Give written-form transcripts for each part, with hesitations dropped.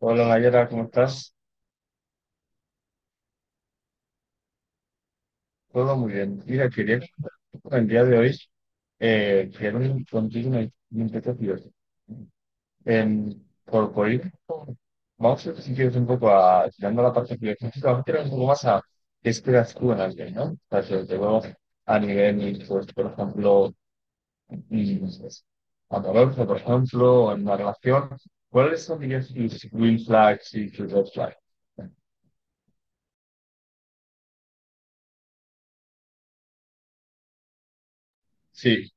Hola Mayra, ¿cómo estás? Todo muy bien. Mira, quería con el día de hoy quiero un- contigo una limpieza. En, por ir, vamos a ver si quieres un poco a tirando la parte filosófica, vamos a tirar un poco más a qué esperas tú en alguien, ¿no? O sea, sobre todo a nivel, pues, por ejemplo, mm, amoroso, por ejemplo, o en una relación, ¿cuáles son, dirías, tus green flags y tus red flags? Sí.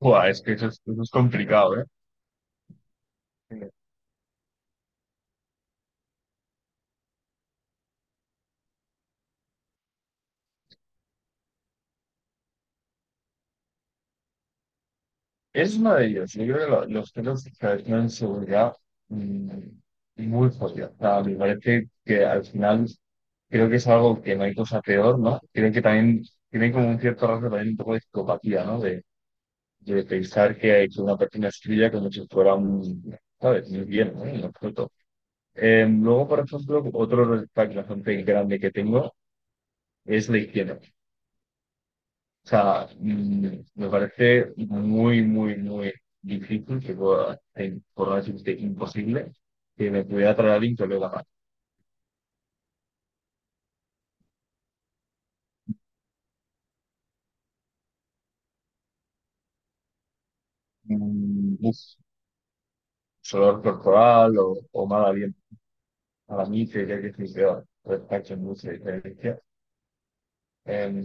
Buah, es que eso es complicado, ¿eh? Es uno de ellos. Yo creo que lo- los pelos que tienen seguridad, mm, muy fuerte. O sea, me parece que al final creo que es algo que no hay cosa peor, ¿no? Creo que también tienen como un cierto rasgo también un poco de psicopatía, ¿no? De pensar que una persona es tuya como si fuera un, ¿sabes? Muy bien, ¿no? En absoluto. Luego, por ejemplo, otro respecto bastante grande que tengo es la izquierda. O sea, me parece muy, muy, muy difícil que pueda, por no decirte imposible, que me pudiera traer alguien que olora mal. mm, uf, Sudor corporal o mal aliento. Para mí sería que estoy peor. Respecto a mucha diferencia. Em,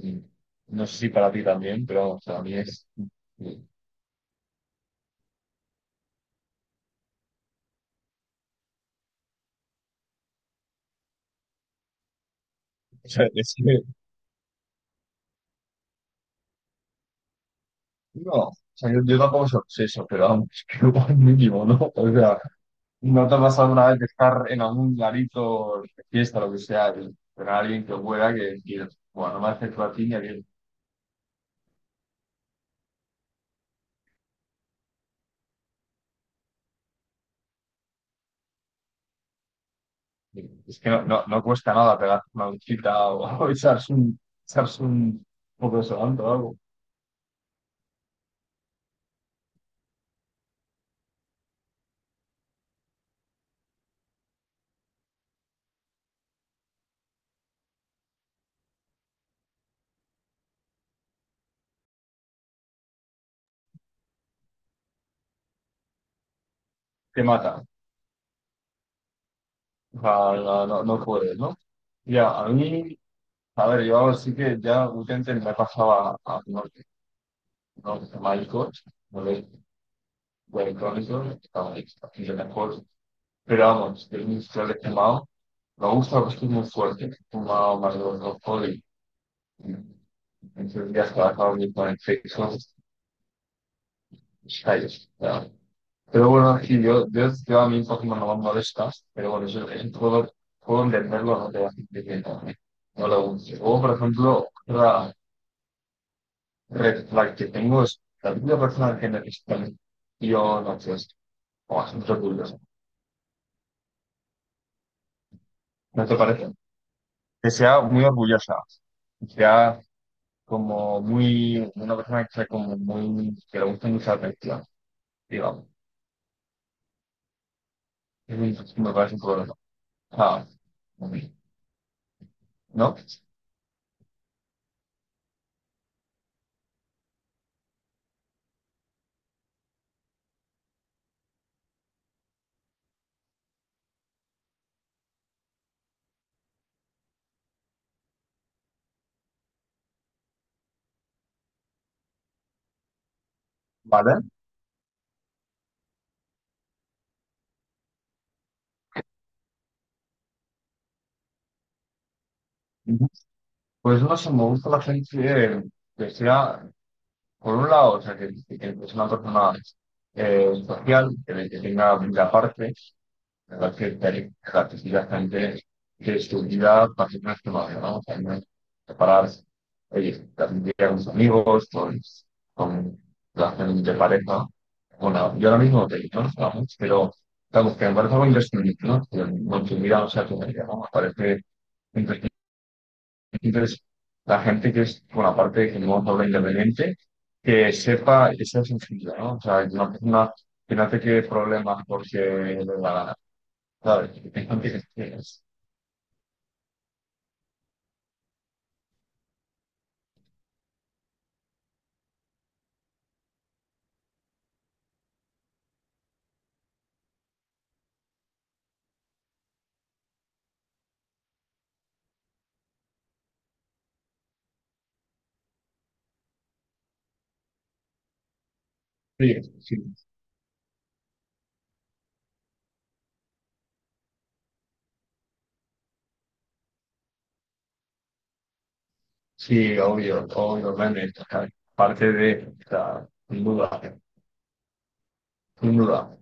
no sé si para ti también, pero vamos, para mí es... O sea, es que- no, o sea, yo tampoco soy obseso, pero vamos, que igual mínimo, ¿no? O sea, ¿no te ha pasado alguna vez de estar en algún garito, fiesta, lo que sea, y tener a alguien que huela que digas, bueno, no me acerco a ti ni a ti"? Es que no no cuesta nada pegar una duchita o, o echarse un poco de solante o algo. Te mata. O sea, no puedes, ¿no? Ya, a mí, a ver, yo sí que ya últimamente me pasaba a norte, ¿no? Malcos, no los electrónicos, estaba ahí, bastante mejor. Pero vamos, tengo un historial. Me gusta porque es muy fuerte, como más de dos alcohol y en tres días trabajaba mucho con efectos callos. Pero bueno, sí, yo a mí Pokémon no me molesta, pero bueno, yo puedo entenderlo, no te voy a decir que no, no lo guste. O, por ejemplo, otra red flag que tengo es la típica persona que necesita y yo no sé, o bastante orgullosa. ¿No te parece? Que sea muy orgullosa, que sea como muy, una persona que sea como muy, que le guste mucha atención, digamos. Eso es- me parece un problema. Ah, ¿no? ¿Vale? Ujú. Pues no sé, me gusta la gente que sea, por un lado, o sea, que es una persona social, que tenga vida aparte, la gente que estudia páginas que vale, ¿no? También separarse. Oye, también con sus amigos, con la gente de pareja. Bueno, yo ahora mismo te digo, no estamos, pero estamos que me parece algo imprescindible, ¿no? Que consumir o sea tu media, ¿no? Me parece imprescindible. Entonces, la gente que es, bueno, aparte de que no habla independiente, que sepa esa sensibilidad, ¿no? O sea, una persona que no te quede problemas porque la, sabes tengo que es- sí, sí, sí, obvio, obviamente, claro, parte de, la sin duda, sin duda.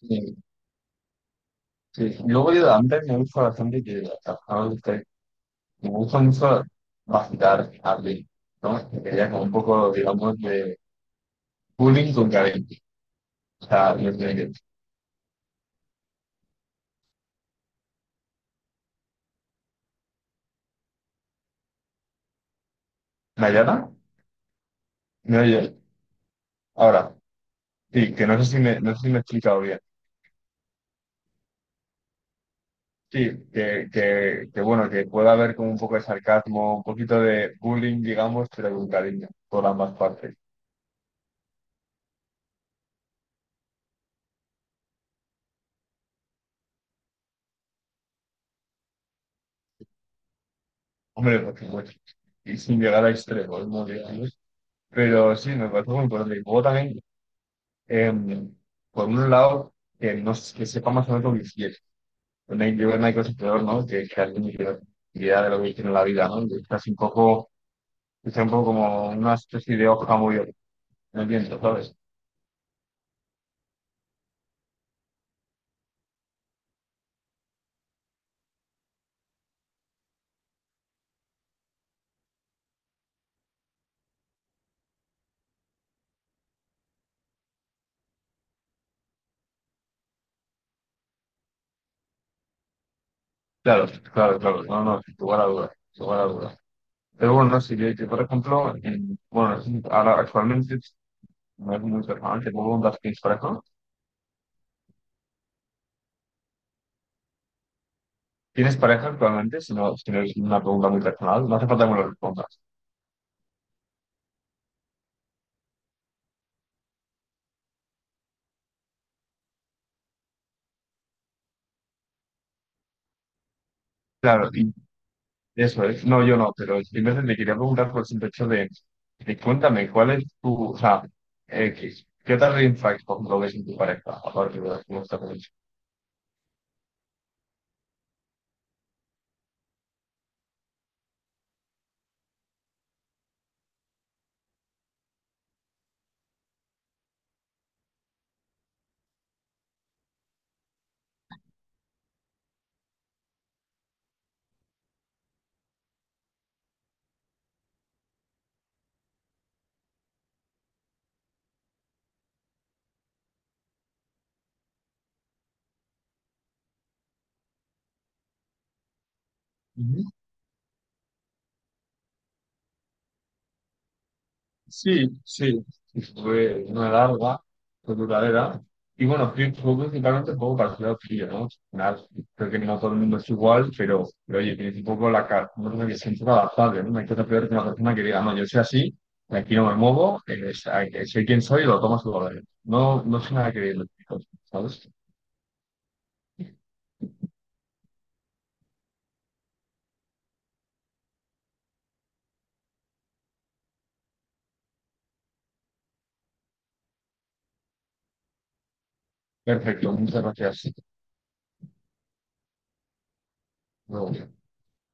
Sí, sí. Luego yo antes me gusta bastante que trabajaba usted, me gusta mucho vacilar a alguien, ¿no? Que quería como un poco, digamos, de bullying con cariño. O sea, desde- ¿Nayara? ¿Me oye? Ahora, sí, que no sé si me, no sé si me he explicado bien. Sí, que, que bueno, que pueda haber como un poco de sarcasmo, un poquito de bullying, digamos, pero con cariño, por ambas partes. Hombre, por supuesto. Y sin llegar a extremos, ¿no? Digamos. Pero sí, me parece muy importante. Y luego también, em, por un lado, que, no, s- que sepa más o menos lo que quiere. Bueno, yo creo que no hay cosa peor, ¿no? Que alguien tiene idea de lo que quiere en la vida, ¿no? Que es casi un poco, que sea un poco como una especie de hoja muy no entiendo, ¿sabes? Claro, claro, claro. No, no, sin lugar a dudas, sin lugar a dudas. Pero bueno, sí yo por ejemplo, en- bueno, es un- ahora actualmente no es muy personal, te puedo preguntar si tienes pareja. ¿Tienes pareja actualmente? Si no, si no es una pregunta muy personal, no hace falta que me lo respondas. Claro, y eso es. No, yo no, pero simplemente me quería preguntar por el simple hecho de cuéntame, ¿cuál es tu, o sea, qué, qué tal red flags, por ejemplo, ves en tu pareja, aparte de las que me estás diciendo? Sí, sí, sí, fue una larga, fue duradera. Y bueno, pri- fue principalmente un poco para ciudad lado frío, ¿no? Nada, creo que no todo el mundo es igual, pero oye, tienes un poco la cara, no sé, que se un poco adaptable, ¿no? No hay cosa peor que una persona que diga, no, yo soy así, aquí no me muevo, soy quien soy y lo tomas a su no, no soy nada que ver, ¿sabes? Perfecto, muchas gracias. Luego.